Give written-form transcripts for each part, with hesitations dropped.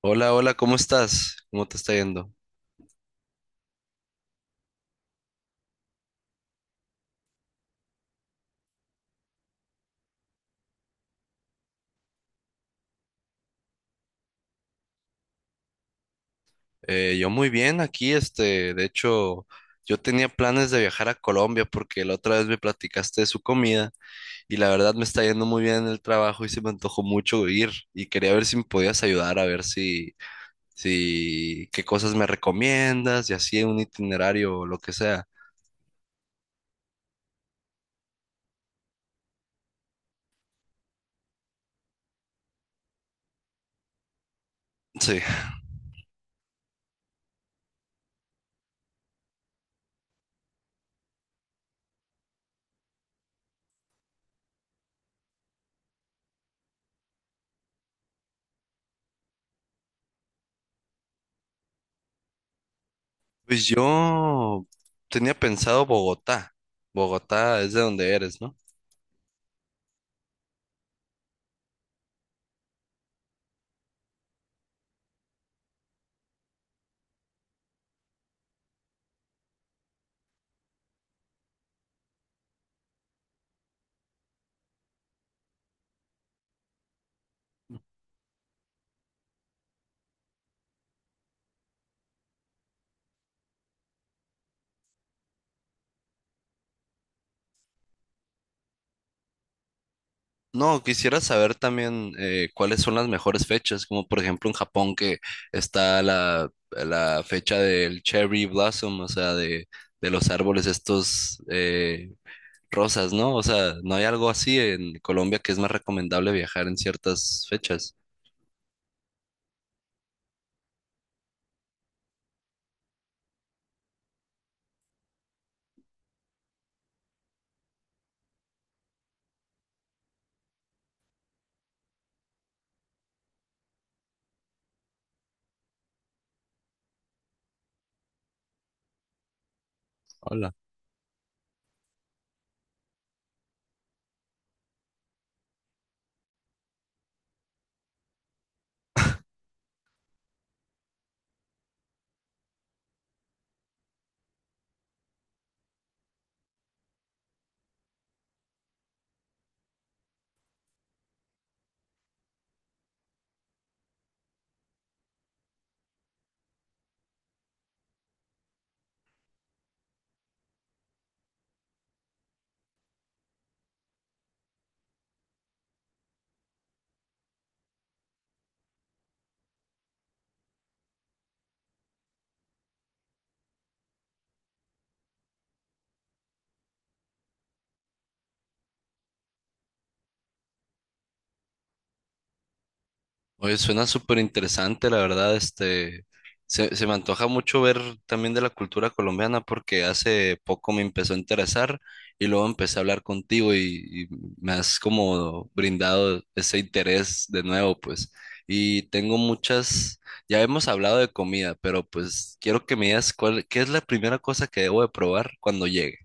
Hola, hola, ¿cómo estás? ¿Cómo te está yendo? Yo muy bien aquí, este, de hecho, yo tenía planes de viajar a Colombia porque la otra vez me platicaste de su comida y la verdad me está yendo muy bien en el trabajo y se me antojó mucho ir y quería ver si me podías ayudar a ver si, si, qué cosas me recomiendas y así un itinerario o lo que sea. Sí, pues yo tenía pensado Bogotá. Bogotá es de donde eres, ¿no? No, quisiera saber también cuáles son las mejores fechas, como por ejemplo en Japón que está la fecha del cherry blossom, o sea, de los árboles estos rosas, ¿no? O sea, ¿no hay algo así en Colombia que es más recomendable viajar en ciertas fechas? Oye, suena súper interesante, la verdad, este, se me antoja mucho ver también de la cultura colombiana porque hace poco me empezó a interesar y luego empecé a hablar contigo y me has como brindado ese interés de nuevo, pues, y tengo muchas, ya hemos hablado de comida, pero pues quiero que me digas cuál, qué es la primera cosa que debo de probar cuando llegue.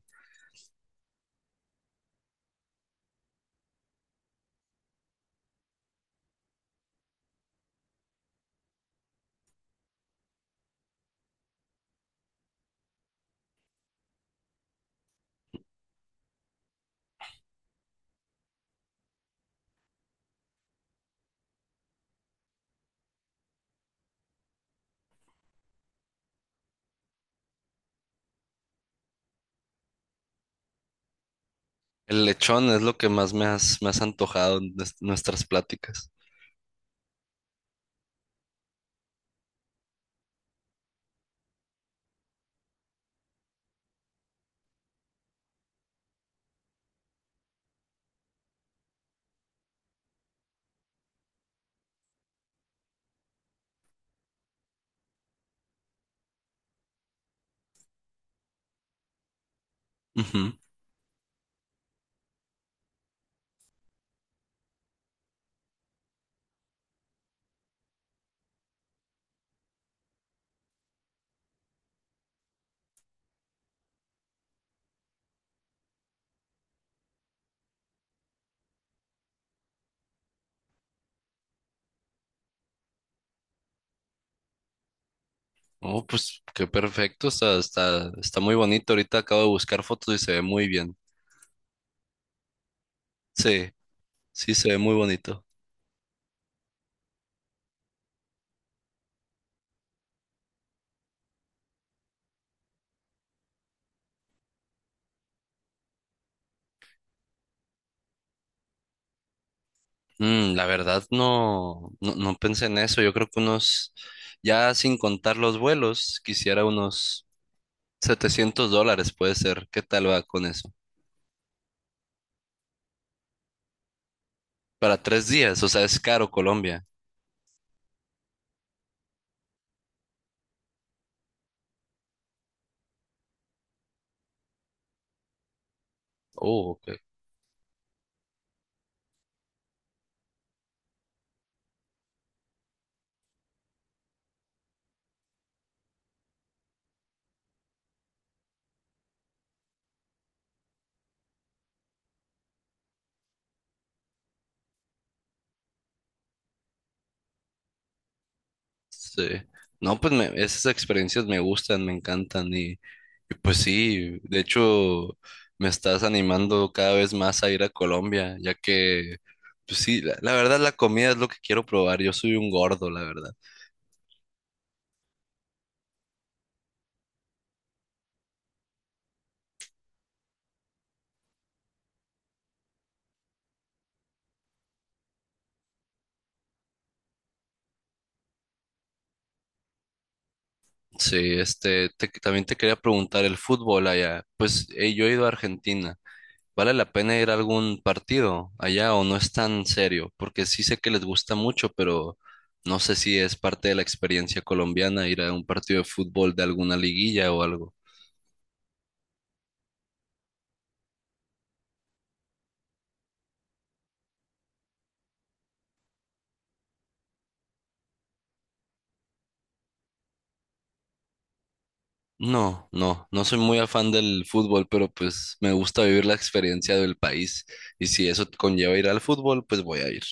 El lechón es lo que más me has antojado en nuestras pláticas. Oh, pues qué perfecto, está, está, está muy bonito. Ahorita acabo de buscar fotos y se ve muy bien. Sí, sí, se ve muy bonito. Mm, la verdad no, no, no pensé en eso. Yo creo que unos, ya sin contar los vuelos, quisiera unos $700, puede ser. ¿Qué tal va con eso? Para tres días, o sea, es caro Colombia. Oh, ok. Sí. No, pues esas experiencias me gustan, me encantan y pues sí, de hecho me estás animando cada vez más a ir a Colombia, ya que, pues sí, la verdad la comida es lo que quiero probar, yo soy un gordo, la verdad. Sí, este, también te quería preguntar el fútbol allá, pues yo he ido a Argentina. ¿Vale la pena ir a algún partido allá o no es tan serio? Porque sí sé que les gusta mucho, pero no sé si es parte de la experiencia colombiana ir a un partido de fútbol de alguna liguilla o algo. No, no, no soy muy afán del fútbol, pero pues me gusta vivir la experiencia del país y si eso conlleva ir al fútbol, pues voy a ir.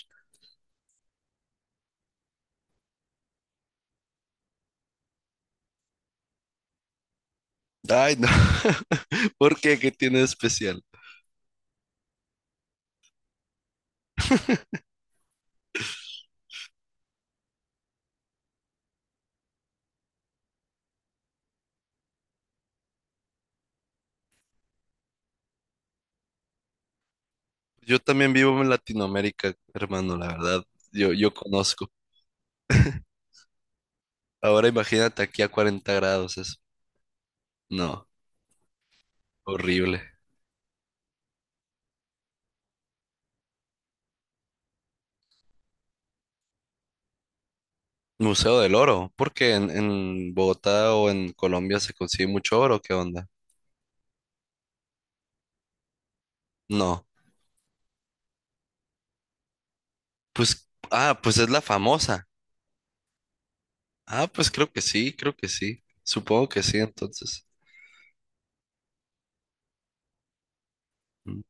Ay, no. ¿Por qué? ¿Qué tiene de especial? Yo también vivo en Latinoamérica, hermano, la verdad. Yo conozco. Ahora imagínate aquí a 40 grados. No, horrible. Museo del Oro, porque en Bogotá o en Colombia se consigue mucho oro, ¿qué onda? No, pues, ah, pues es la famosa. Ah, pues creo que sí, creo que sí. Supongo que sí, entonces. Mm.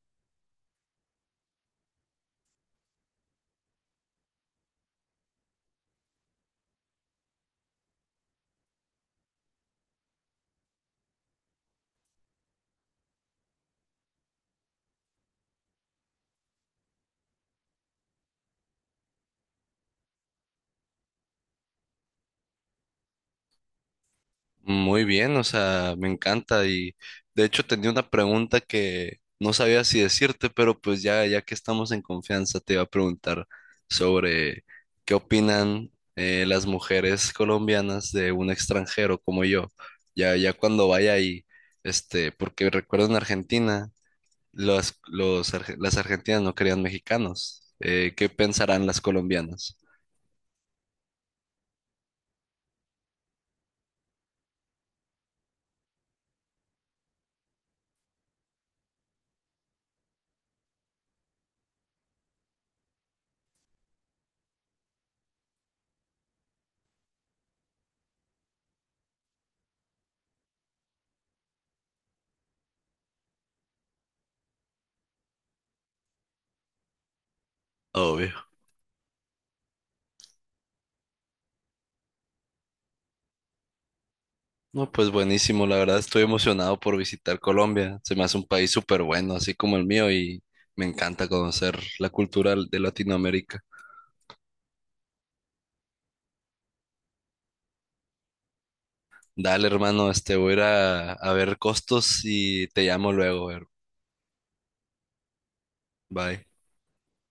Muy bien, o sea, me encanta y de hecho tenía una pregunta que no sabía si decirte, pero pues ya, ya que estamos en confianza, te iba a preguntar sobre qué opinan las mujeres colombianas de un extranjero como yo, ya, ya cuando vaya ahí, este, porque recuerdo en Argentina, los, las argentinas no querían mexicanos, ¿qué pensarán las colombianas? Obvio. No, pues buenísimo, la verdad estoy emocionado por visitar Colombia. Se me hace un país súper bueno, así como el mío, y me encanta conocer la cultura de Latinoamérica. Dale, hermano, este voy a ir a ver costos y te llamo luego, her- Bye.